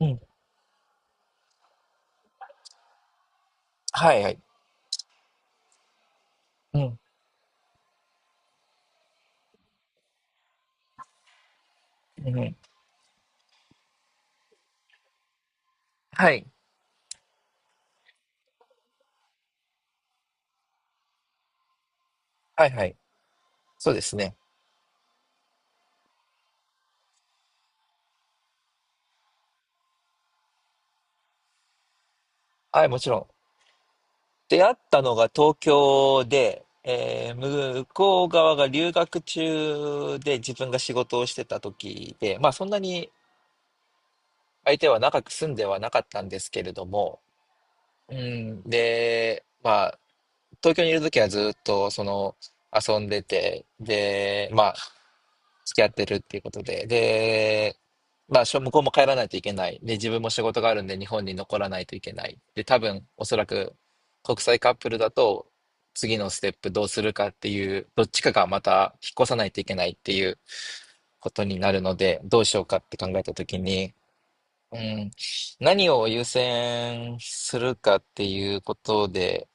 うん。はいはい。うん。うん。はい。はいはい。そうですね。はい、もちろん。出会ったのが東京で、向こう側が留学中で自分が仕事をしてた時で、まあそんなに相手は長く住んではなかったんですけれども、うん、で、まあ東京にいる時はずっとその遊んでて、で、まあ、付き合ってるっていうことで、で、まあ、向こうも帰らないといけない。で、自分も仕事があるんで日本に残らないといけない。で、多分、おそらく国際カップルだと、次のステップどうするかっていう、どっちかがまた引っ越さないといけないっていうことになるので、どうしようかって考えたときに、うん、何を優先するかっていうことで、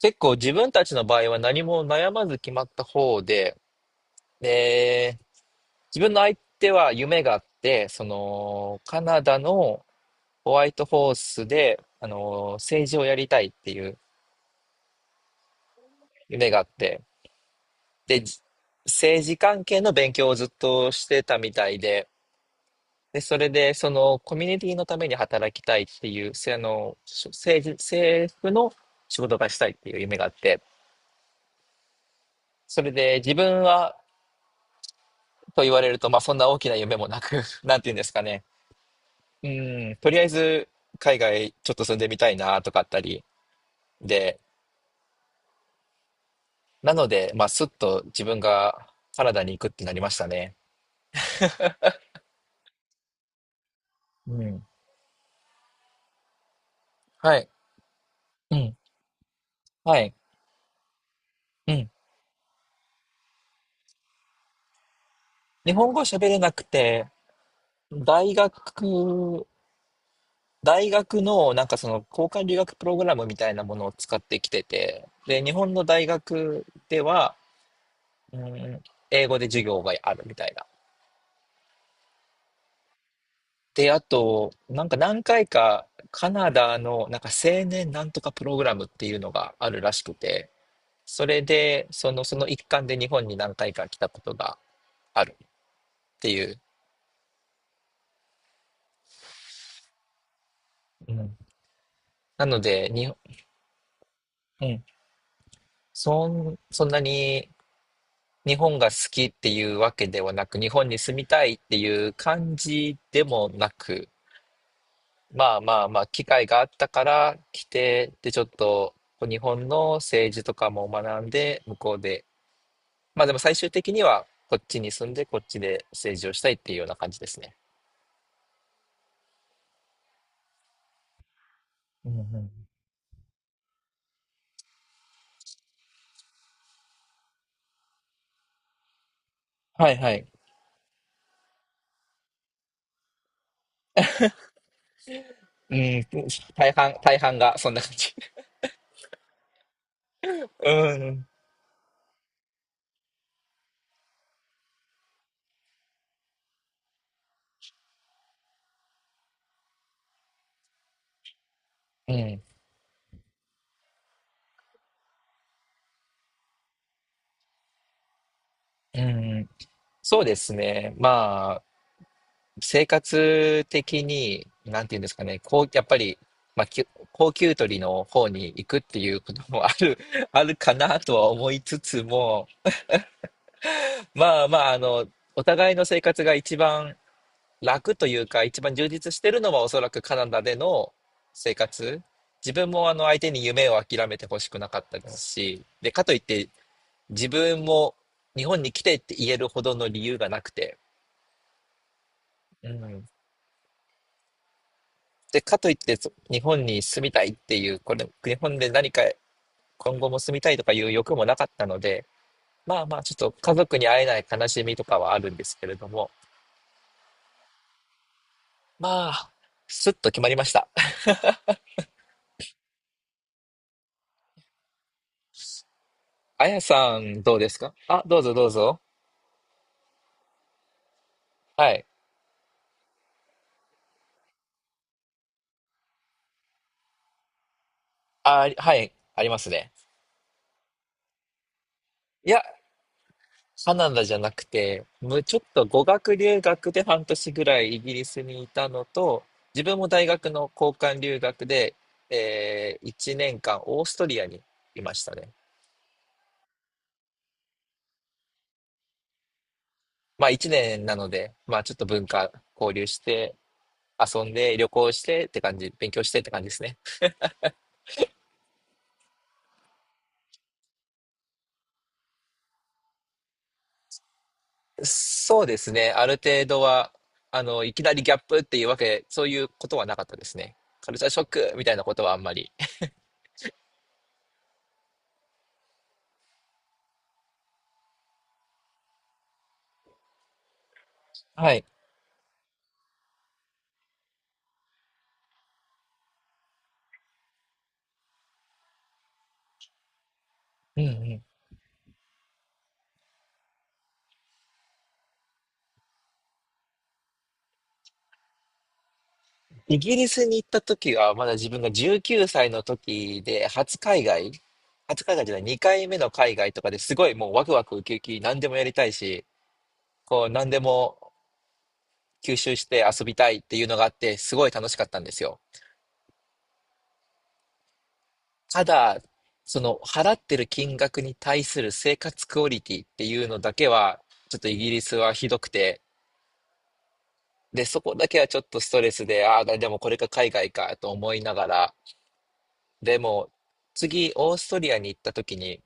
結構自分たちの場合は何も悩まず決まった方で、で、自分の相手は夢があって、その、カナダのホワイトホースで、あの、政治をやりたいっていう夢があって、で、政治関係の勉強をずっとしてたみたいで、で、それで、その、コミュニティのために働きたいっていう、せあの、し政治、政府の仕事がしたいっていう夢があって、それで自分はと言われると、まあそんな大きな夢もなく、なんて言うんですかね。うん、とりあえず海外ちょっと住んでみたいなとかあったり。で、なので、まあすっと自分がカナダに行くってなりましたね。うん。はい。うん。はい。うん。日本語喋れなくて、大学、大学のなんかその交換留学プログラムみたいなものを使ってきてて、で、日本の大学では、うん、英語で授業があるみたいな。で、あと、なんか何回かカナダのなんか青年なんとかプログラムっていうのがあるらしくて、それで、その、その一環で日本に何回か来たことがあるっていう。うん、なので、に、うん、そんなに日本が好きっていうわけではなく、日本に住みたいっていう感じでもなく、まあまあまあ、機会があったから来て、で、ちょっと日本の政治とかも学んで、向こうでまあでも最終的にはこっちに住んでこっちで政治をしたいっていうような感じですね。うんうん。はいはい。うん、大半がそんな感じ。うん。うん。うん。そうですね。まあ、生活的に、なんていうんですかね、こう、やっぱり、まあ、高給取りの方に行くっていうこともある、あるかなとは思いつつも、まあまあ、あの、お互いの生活が一番楽というか、一番充実してるのはおそらくカナダでの生活。自分もあの相手に夢を諦めてほしくなかったですし、で、かといって自分も日本に来てって言えるほどの理由がなくて、うん。で、かといって日本に住みたいっていう、これ、日本で何か今後も住みたいとかいう欲もなかったので、まあまあちょっと家族に会えない悲しみとかはあるんですけれども、まあ、すっと決まりました。あやさんどうですかあ、どうぞどうぞ。はい。あ、はい、ありますね。いや、カナダじゃなくて、ちょっと語学留学で半年ぐらいイギリスにいたのと、自分も大学の交換留学で、1年間オーストリアにいましたね。まあ1年なので、まあちょっと文化交流して、遊んで、旅行してって感じ、勉強してって感じですね。そうですね。ある程度は、あの、いきなりギャップっていうわけ、そういうことはなかったですね。カルチャーショックみたいなことはあんまり。はい。うんうん。イギリスに行った時は、まだ自分が19歳の時で、初海外、初海外じゃない、2回目の海外とかですごいもうワクワクウキウキ、何でもやりたいし、こう何でも吸収して遊びたいっていうのがあって、すごい楽しかったんですよ。ただ、その払ってる金額に対する生活クオリティっていうのだけは、ちょっとイギリスはひどくて、で、そこだけはちょっとストレスで、ああ、でもこれが海外かと思いながら、でも次、オーストリアに行った時に、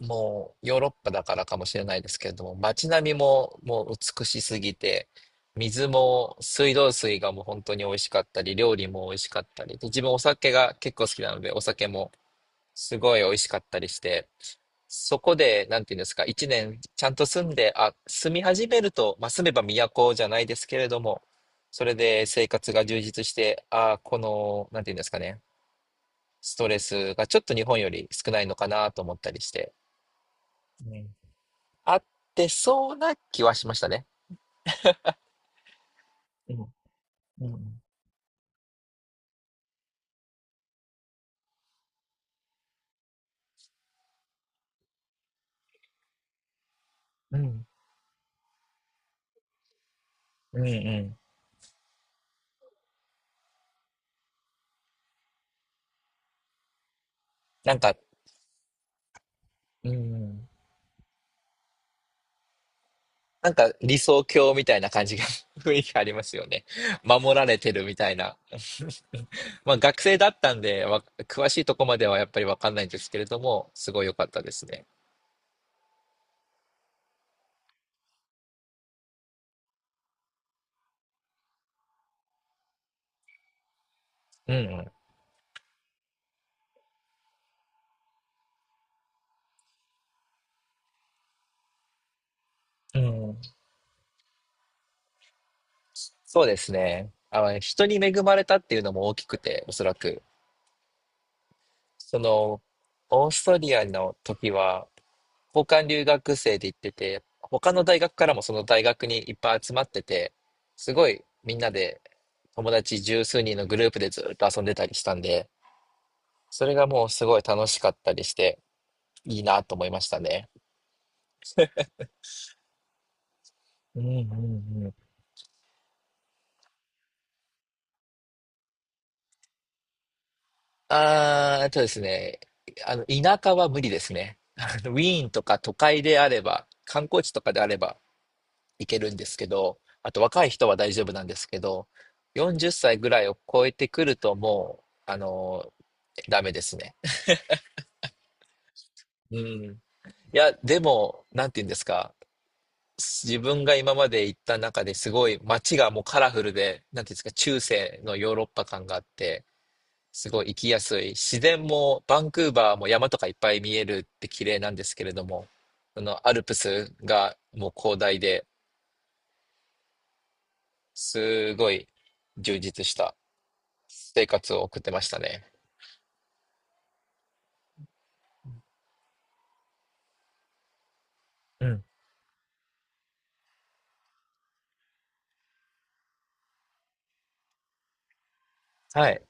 もうヨーロッパだからかもしれないですけれども、街並みももう美しすぎて、水も水道水がもう本当に美味しかったり、料理も美味しかったり、で自分お酒が結構好きなので、お酒もすごい美味しかったりして、そこで、なんていうんですか、一年ちゃんと住んで、あ、住み始めると、まあ、住めば都じゃないですけれども、それで生活が充実して、あ、この、なんていうんですかね、ストレスがちょっと日本より少ないのかなと思ったりして。あってそうな気はしましたね。うん。うん。うん。うん。うんなんか、うん。なんか理想郷みたいな感じが 雰囲気ありますよね。守られてるみたいな。まあ学生だったんで、詳しいとこまではやっぱりわかんないんですけれども、すごい良かったですね。うんうん。うん。そうですね。あの、人に恵まれたっていうのも大きくて、おそらく。その、オーストリアの時は、交換留学生で行ってて、他の大学からもその大学にいっぱい集まってて、すごいみんなで友達十数人のグループでずっと遊んでたりしたんで、それがもうすごい楽しかったりして、いいなと思いましたね。うんうんうん。あー、あとですね、あの、田舎は無理ですね。あのウィーンとか都会であれば、観光地とかであればいけるんですけど、あと若い人は大丈夫なんですけど、40歳ぐらいを超えてくるともう、あの、ダメですね。うん。いや、でも、なんて言うんですか。自分が今まで行った中ですごい街がもうカラフルで、なんていうんですか、中世のヨーロッパ感があって、すごい行きやすい。自然もバンクーバーも山とかいっぱい見えるって綺麗なんですけれども、そのアルプスがもう広大ですごい充実した生活を送ってましたね。うん。はい。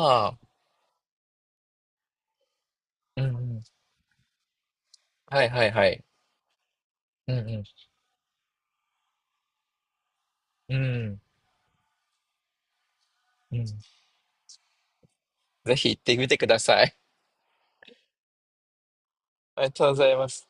ああうん、うん。はいはいはい。うん、うん。うん、うん。ぜひ行ってみてください。ありがとうございます。